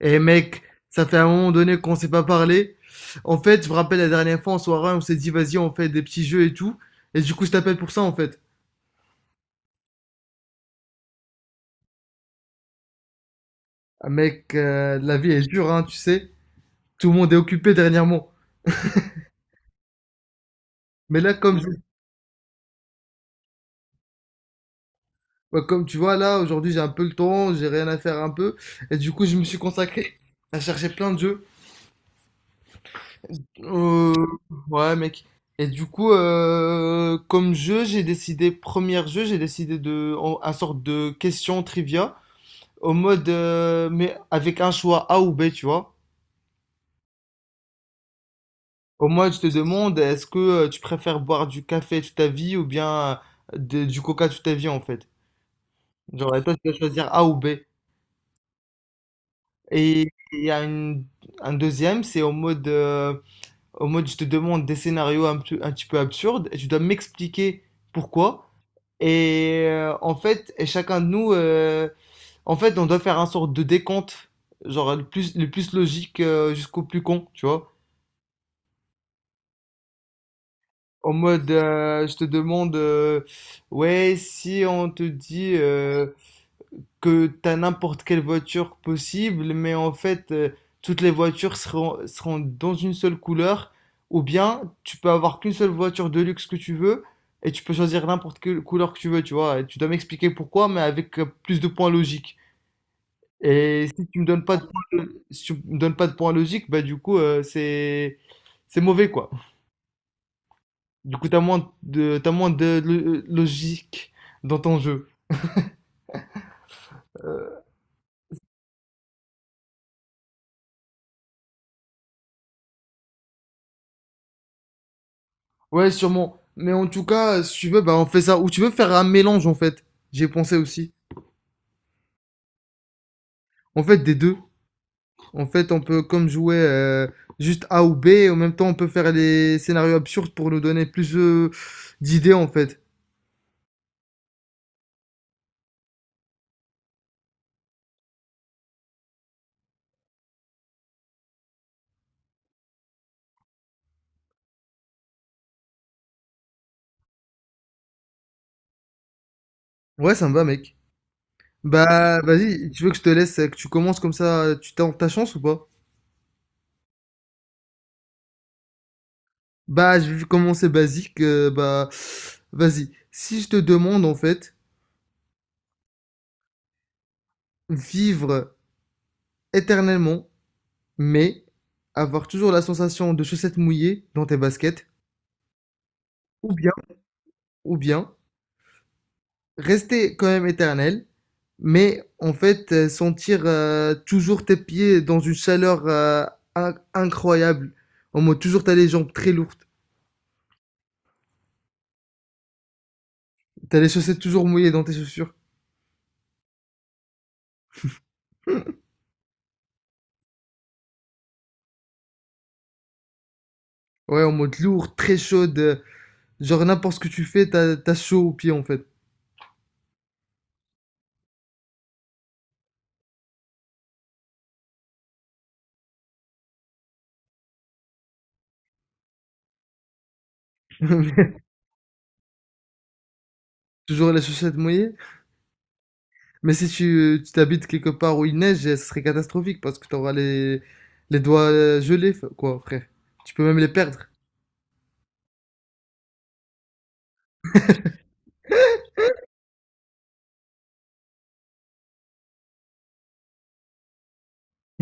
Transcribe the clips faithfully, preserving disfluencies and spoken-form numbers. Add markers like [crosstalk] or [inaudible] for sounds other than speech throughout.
Eh mec, ça fait un moment donné qu'on s'est pas parlé. En fait, je me rappelle la dernière fois en soirée, on s'est dit vas-y, on fait des petits jeux et tout. Et du coup, je t'appelle pour ça en fait. Ah, mec, euh, la vie est dure, hein, tu sais. Tout le monde est occupé dernièrement. Mais là, comme, je- bah, comme tu vois, là, aujourd'hui, j'ai un peu le temps, j'ai rien à faire un peu. Et du coup, je me suis consacré à chercher plein de jeux. Euh, ouais, mec. Et du coup, euh, comme jeu, j'ai décidé, premier jeu, j'ai décidé de, en- un sorte de question trivia. Au mode, euh, mais avec un choix A ou B, tu vois. Au moins, tu te demandes, est-ce que euh, tu préfères boire du café toute ta vie ou bien euh, de- du coca toute ta vie, en fait. Genre, et toi, tu dois choisir A ou B. Et il y a une- Un deuxième, c'est au mode, euh, au mode, je te demande des scénarios un, peu- un petit peu absurdes et tu dois m'expliquer pourquoi. Et euh, en fait, et chacun de nous, euh, en fait, on doit faire un sorte de décompte, genre le plus, le plus logique euh, jusqu'au plus con, tu vois. En mode, euh, je te demande, euh, ouais, si on te dit euh, que t'as n'importe quelle voiture possible, mais en fait, euh, toutes les voitures seront, seront dans une seule couleur, ou bien tu peux avoir qu'une seule voiture de luxe que tu veux, et tu peux choisir n'importe quelle couleur que tu veux, tu vois. Et tu dois m'expliquer pourquoi, mais avec euh, plus de points logiques. Et si tu me donnes pas de points, si tu me donnes pas de points logiques, bah du coup, euh, c'est, c'est mauvais, quoi. Du coup, t'as moins de, t'as moins de lo- logique dans ton jeu. Euh, ouais, sûrement. Mais en tout cas, si tu veux, bah, on fait ça. Ou tu veux faire un mélange, en fait. J'ai pensé aussi. En fait, des deux. En fait, on peut comme jouer euh, juste A ou B. Et en même temps, on peut faire les scénarios absurdes pour nous donner plus euh, d'idées, en fait. Ouais, ça me va, mec. Bah, vas-y, tu veux que je te laisse, euh, que tu commences comme ça, euh, tu tentes ta chance ou pas? Bah, je vais commencer basique. Euh, bah, vas-y. Si je te demande, en fait, vivre éternellement, mais avoir toujours la sensation de chaussettes mouillées dans tes baskets, ou bien, ou bien rester quand même éternel, mais en fait euh, sentir euh, toujours tes pieds dans une chaleur euh, in- incroyable, en mode toujours t'as les jambes très lourdes, t'as les chaussettes toujours mouillées dans tes chaussures. Hmm. Ouais, en mode lourd, très chaude, euh, genre n'importe ce que tu fais, t'as t'as chaud aux pieds en fait. [laughs] Toujours les chaussettes mouillées. Mais si tu tu t'habites quelque part où il neige, ce serait catastrophique parce que tu auras les, les doigts euh, gelés, f- quoi, frère. Tu peux même les perdre.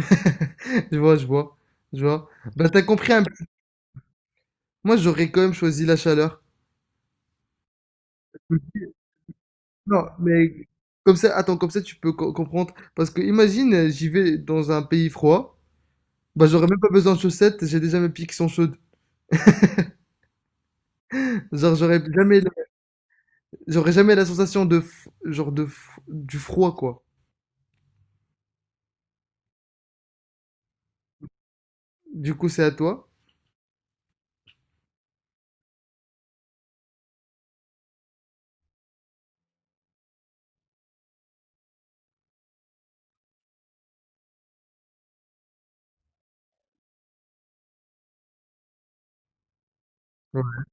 [laughs] Je vois, je vois, je vois. Ben, t'as compris un peu. Moi, j'aurais quand même choisi la chaleur. Non, mais comme ça, attends, comme ça, tu peux co- comprendre. Parce que imagine, euh, j'y vais dans un pays froid. Bah, j'aurais même pas besoin de chaussettes, j'ai déjà mes pieds qui sont chaudes. Genre, j'aurais jamais, J'aurais jamais la sensation de, f- genre de, f- du froid, quoi. Du coup, c'est à toi. Ouais.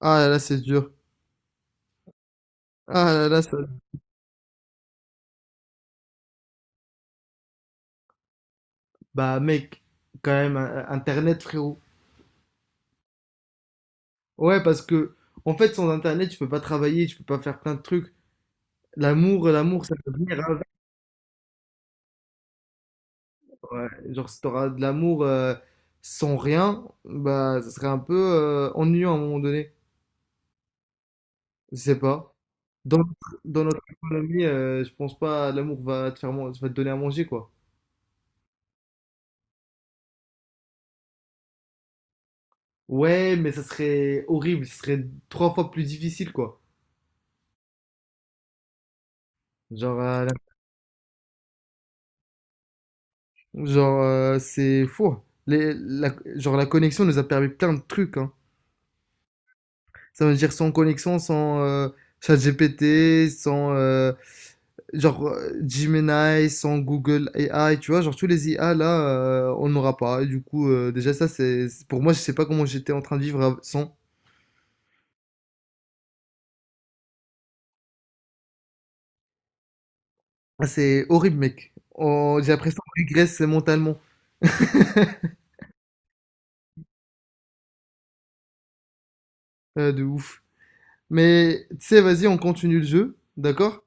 Ah, là, c'est dur. Ah là là, ça... Bah mec, quand même, euh, Internet frérot. Ouais, parce que, en fait, sans Internet, tu peux pas travailler, tu peux pas faire plein de trucs. L'amour, l'amour, ça peut venir avec. Ouais. Genre, si t'auras de l'amour euh, sans rien, bah ça serait un peu euh, ennuyant à un moment donné. Je sais pas. Dans, notre- dans notre économie, euh, je pense pas l'amour va te faire man- va te donner à manger, quoi. Ouais, mais ça serait horrible, ce serait trois fois plus difficile, quoi. Genre, euh, Genre, euh, c'est fou. Les, la, genre, la connexion nous a permis plein de trucs, hein. Ça veut dire sans connexion, sans euh, ChatGPT, sans euh, genre euh, Gemini, sans Google A I, tu vois, genre tous les I A là, euh, on n'aura pas. Et du coup, euh, déjà ça, c'est c'est- pour moi, je sais pas comment j'étais en train de vivre av- sans. Ah, c'est horrible, mec. On- J'ai l'impression qu'on régresse mentalement, euh, de ouf. Mais tu sais, vas-y, on continue le jeu, d'accord?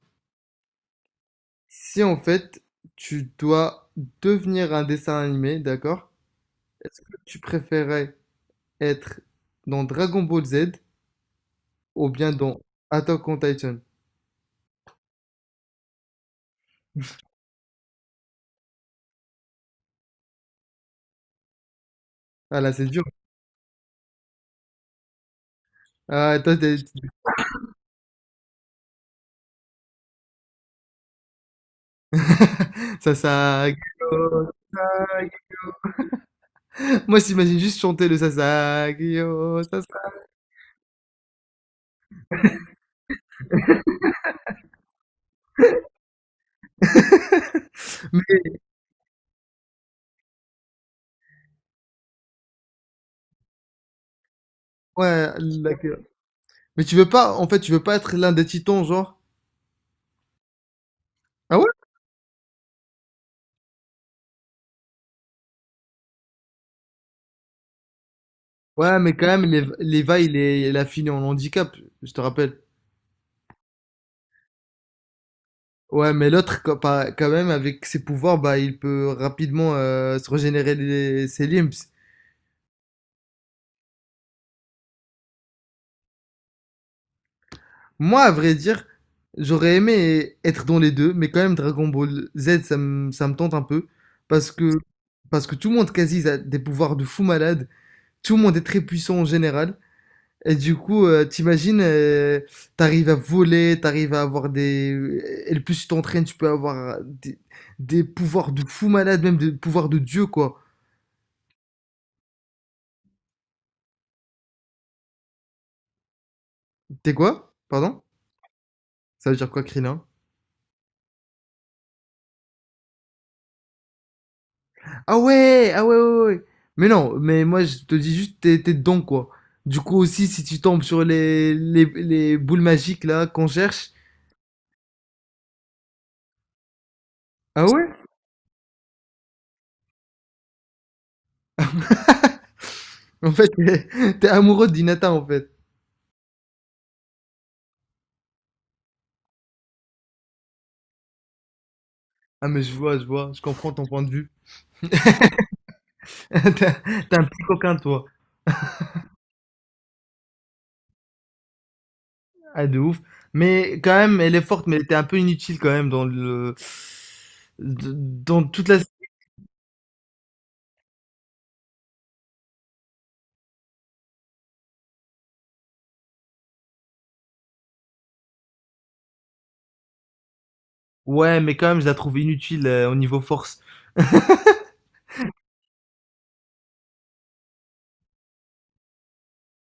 Si en fait tu dois devenir un dessin animé, d'accord? Tu préférais être dans Dragon Ball Z ou bien dans Attack on Titan? Ah là, c'est dur. Ah, toi, t'es- [laughs] Ça, ça. Moi, j'imagine juste chanter le Sasagio, Sasa. [laughs] Mais ouais, la- mais tu veux pas, en fait, tu veux pas être l'un des titans, genre. Ah ouais? Ouais, mais quand même, Leva, Leva, il est, il a fini en handicap, je te rappelle. Ouais, mais l'autre, quand pas- quand même, avec ses pouvoirs, bah, il peut rapidement euh, se régénérer les- ses limbs. Moi, à vrai dire, j'aurais aimé être dans les deux, mais quand même, Dragon Ball Z, ça me, ça me tente un peu. Parce que, Parce que tout le monde, quasi, a des pouvoirs de fou malade. Tout le monde est très puissant en général. Et du coup, euh, t'imagines, euh, t'arrives à voler, t'arrives à avoir des... Et le plus tu t'entraînes, tu peux avoir des, des pouvoirs de fou malade, même des pouvoirs de dieu, quoi. T'es quoi? Pardon? Ça veut dire quoi, Krillin? Ah ouais. Ah ouais, ouais, ouais. Mais non, mais moi, je te dis juste, t'es t'es dedans, quoi. Du coup, aussi, si tu tombes sur les, les, les boules magiques, là, qu'on cherche... Ah ouais. En fait, [laughs] t'es amoureux d'Inata, en fait. Ah, mais je vois, je vois. Je comprends ton point de vue. [laughs] T'es t'es un petit coquin, toi. Ah, de ouf. Mais quand même, elle est forte, mais elle était un peu inutile, quand même, dans le... Dans toute la... Ouais, mais quand même, je la trouve inutile euh, au niveau force.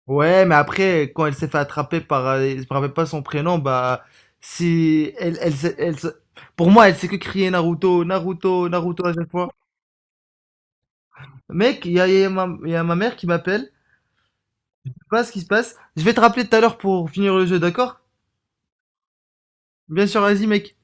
Ouais, mais après, quand elle s'est fait attraper par, euh, je me rappelle pas son prénom, bah, si, elle, elle, s'est- elle, se- pour moi, elle sait que crier Naruto, Naruto, Naruto à chaque fois. Mec, il y a, il y a ma, il y a ma mère qui m'appelle. Je sais pas ce qui se passe. Je vais te rappeler tout à l'heure pour finir le jeu, d'accord? Bien sûr, vas-y, mec.